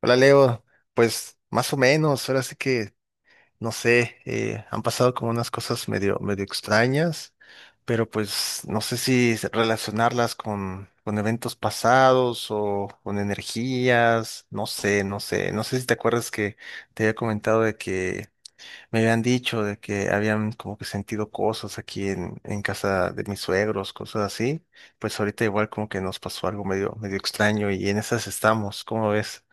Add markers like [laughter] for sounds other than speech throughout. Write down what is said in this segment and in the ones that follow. Hola Leo, pues más o menos, ahora sí que no sé, han pasado como unas cosas medio extrañas, pero pues no sé si relacionarlas con eventos pasados o con energías, no sé si te acuerdas que te había comentado de que me habían dicho de que habían como que sentido cosas aquí en casa de mis suegros, cosas así, pues ahorita igual como que nos pasó algo medio extraño y en esas estamos, ¿cómo ves?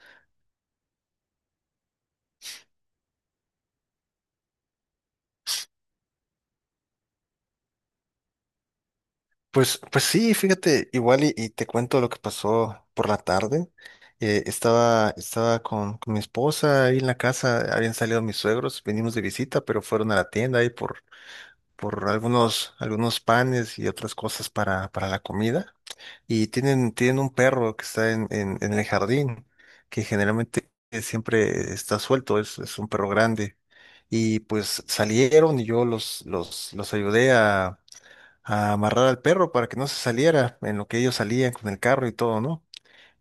Pues sí, fíjate, igual y te cuento lo que pasó por la tarde. Estaba con mi esposa ahí en la casa, habían salido mis suegros, venimos de visita, pero fueron a la tienda ahí por algunos panes y otras cosas para la comida. Y tienen un perro que está en el jardín, que generalmente siempre está suelto, es un perro grande. Y pues salieron y yo los ayudé a amarrar al perro para que no se saliera en lo que ellos salían con el carro y todo, ¿no?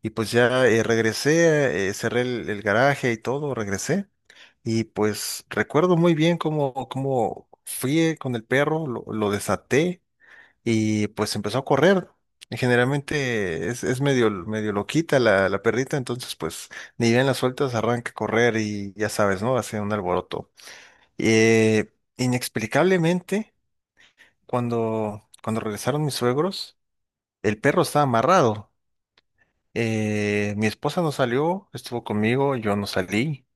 Y pues ya regresé, cerré el garaje y todo, regresé. Y pues recuerdo muy bien cómo fui con el perro, lo desaté y pues empezó a correr. Y generalmente es medio loquita la perrita, entonces pues ni bien la sueltas, arranca a correr y ya sabes, ¿no? Hace un alboroto. Inexplicablemente, cuando regresaron mis suegros, el perro estaba amarrado. Mi esposa no salió, estuvo conmigo, yo no salí.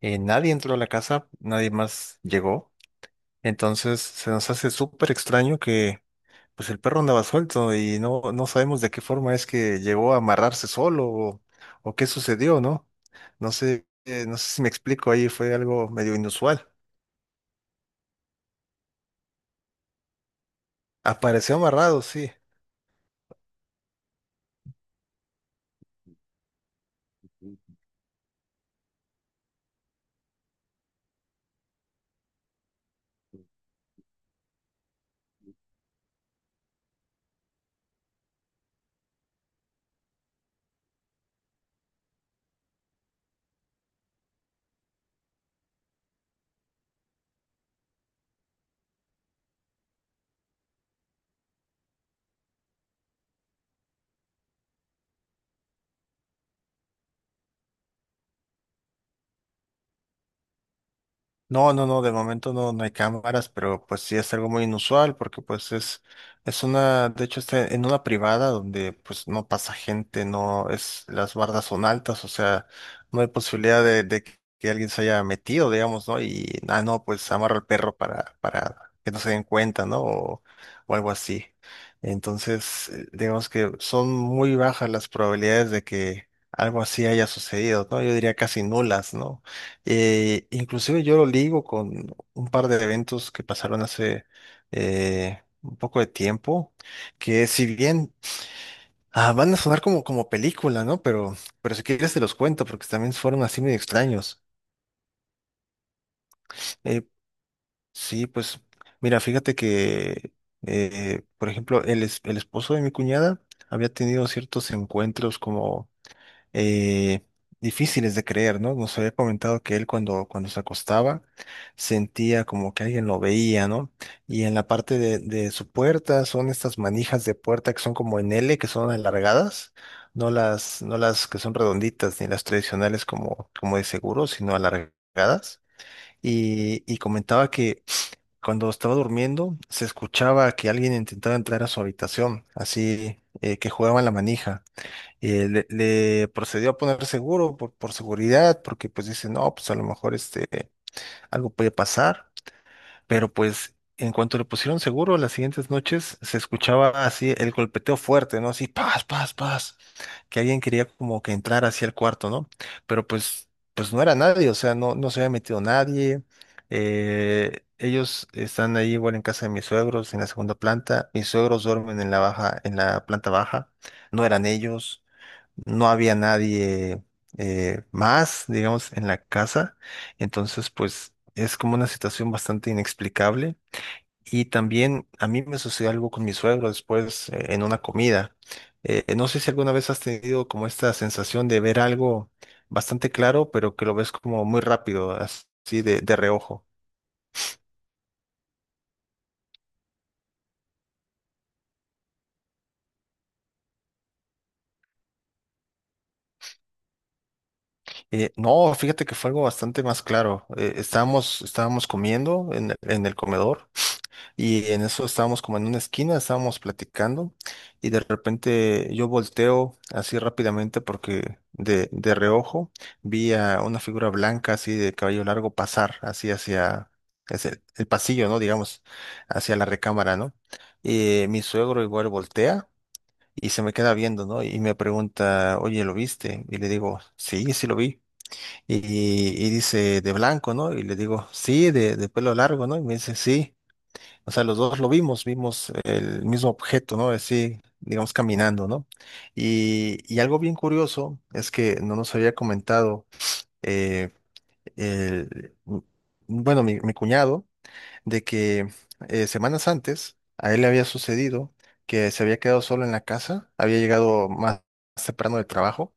Nadie entró a la casa, nadie más llegó. Entonces se nos hace súper extraño que pues el perro andaba suelto y no sabemos de qué forma es que llegó a amarrarse solo o qué sucedió, ¿no? No sé, no sé si me explico ahí, fue algo medio inusual. Apareció amarrado, sí. No, no, no, de momento no hay cámaras, pero pues sí es algo muy inusual porque pues es una, de hecho está en una privada donde pues no pasa gente, no es, las bardas son altas, o sea, no hay posibilidad de que alguien se haya metido, digamos, ¿no? Y, no, pues amarra al perro para que no se den cuenta, ¿no? O algo así. Entonces, digamos que son muy bajas las probabilidades de que algo así haya sucedido, ¿no? Yo diría casi nulas, ¿no? Inclusive yo lo ligo con un par de eventos que pasaron hace un poco de tiempo, que si bien van a sonar como película, ¿no? Pero si quieres te los cuento, porque también fueron así medio extraños. Eh, sí, pues mira, fíjate que, por ejemplo, el esposo de mi cuñada había tenido ciertos encuentros como eh, difíciles de creer, ¿no? Nos había comentado que él cuando se acostaba sentía como que alguien lo veía, ¿no? Y en la parte de su puerta son estas manijas de puerta que son como en L, que son alargadas, no las que son redonditas ni las tradicionales como de seguro, sino alargadas. Y comentaba que cuando estaba durmiendo se escuchaba que alguien intentaba entrar a su habitación, así que jugaban la manija. Le procedió a poner seguro por seguridad, porque pues dice, no, pues a lo mejor este, algo puede pasar, pero pues en cuanto le pusieron seguro, las siguientes noches se escuchaba así el golpeteo fuerte, ¿no? Así, paz, paz, paz, que alguien quería como que entrar hacia el cuarto, ¿no? Pero pues no era nadie, o sea, no se había metido nadie. Ellos están ahí igual en casa de mis suegros, en la segunda planta. Mis suegros duermen en la baja, en la planta baja. No eran ellos, no había nadie más, digamos, en la casa. Entonces, pues es como una situación bastante inexplicable. Y también a mí me sucedió algo con mi suegro después, en una comida. No sé si alguna vez has tenido como esta sensación de ver algo bastante claro, pero que lo ves como muy rápido, así de reojo. No, fíjate que fue algo bastante más claro. Estábamos comiendo en el comedor. Y en eso estábamos como en una esquina, estábamos platicando y de repente yo volteo así rápidamente porque de reojo vi a una figura blanca así de cabello largo pasar así hacia, hacia el pasillo, ¿no? Digamos, hacia la recámara, ¿no? Y mi suegro igual voltea y se me queda viendo, ¿no? Y me pregunta, oye, ¿lo viste? Y le digo, sí, sí lo vi. Y, y dice, de blanco, ¿no? Y le digo, sí, de pelo largo, ¿no? Y me dice, sí. O sea, los dos lo vimos, vimos el mismo objeto, ¿no? Así, digamos, caminando, ¿no? Y algo bien curioso es que no nos había comentado, eh, el- bueno, mi cuñado, de que semanas antes a él le había sucedido que se había quedado solo en la casa, había llegado más temprano del trabajo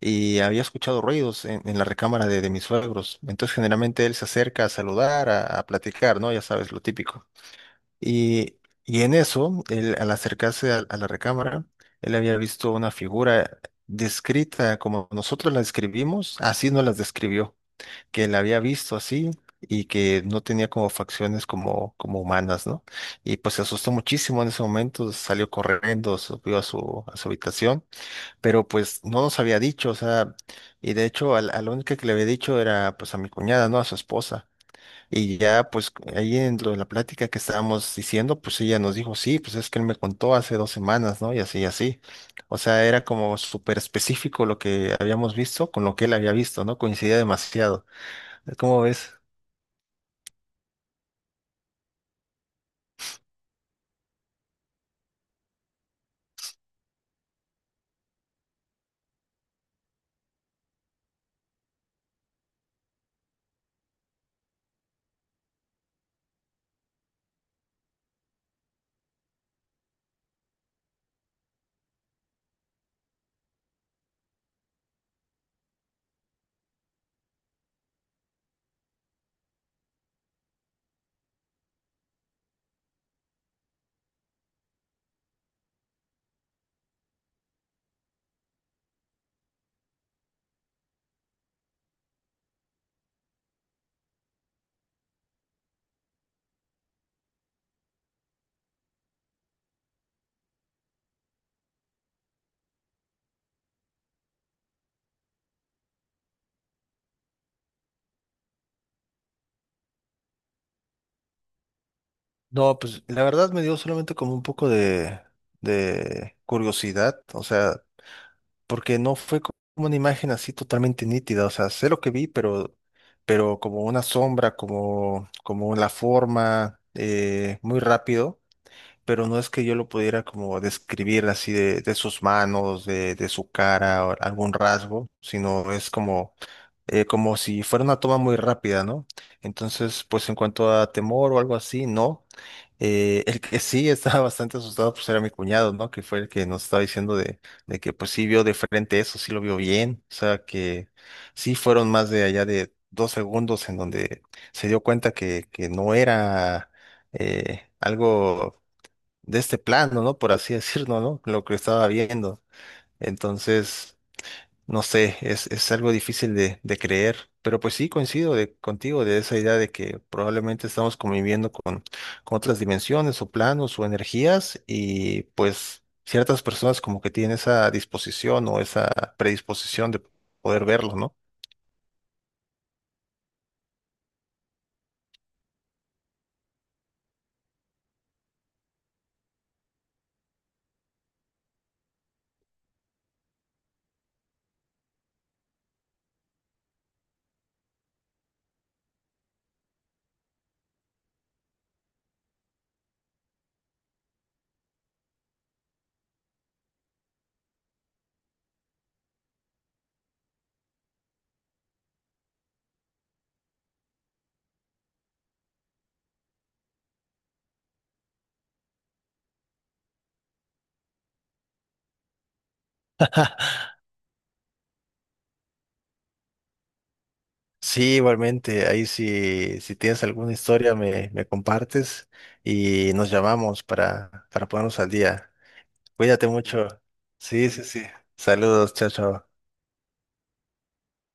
y había escuchado ruidos en la recámara de mis suegros. Entonces, generalmente él se acerca a saludar, a platicar, ¿no? Ya sabes, lo típico. Y, y en eso, él, al acercarse a la recámara, él había visto una figura descrita como nosotros la describimos, así no las describió, que la había visto así y que no tenía como facciones como humanas, ¿no? Y pues se asustó muchísimo en ese momento, salió corriendo, subió a su habitación, pero pues no nos había dicho, o sea, y de hecho a la única que le había dicho era pues a mi cuñada, ¿no? A su esposa. Y ya, pues ahí en lo de la plática que estábamos diciendo, pues ella nos dijo, sí, pues es que él me contó hace 2 semanas, ¿no? Y así, y así. O sea, era como súper específico lo que habíamos visto con lo que él había visto, ¿no? Coincidía demasiado. ¿Cómo ves? No, pues la verdad me dio solamente como un poco de curiosidad, o sea, porque no fue como una imagen así totalmente nítida, o sea, sé lo que vi, pero, como una sombra, como la forma, muy rápido. Pero no es que yo lo pudiera como describir así de sus manos, de su cara o algún rasgo, sino es como, como si fuera una toma muy rápida, ¿no? Entonces, pues en cuanto a temor o algo así, no. El que sí estaba [laughs] bastante asustado pues era mi cuñado, ¿no? Que fue el que nos estaba diciendo de que pues sí vio de frente eso, sí lo vio bien, o sea que sí fueron más de allá de 2 segundos en donde se dio cuenta que no era, algo de este plano, ¿no? Por así [laughs] decirlo, ¿no? Lo que estaba viendo. Entonces, no sé, es algo difícil de creer, pero pues sí coincido contigo de esa idea de que probablemente estamos conviviendo con otras dimensiones o planos o energías y pues ciertas personas como que tienen esa disposición o esa predisposición de poder verlo, ¿no? [laughs] Sí, igualmente, ahí si tienes alguna historia me compartes y nos llamamos para ponernos al día. Cuídate mucho. Sí, sí, sí. Saludos, chao, chao.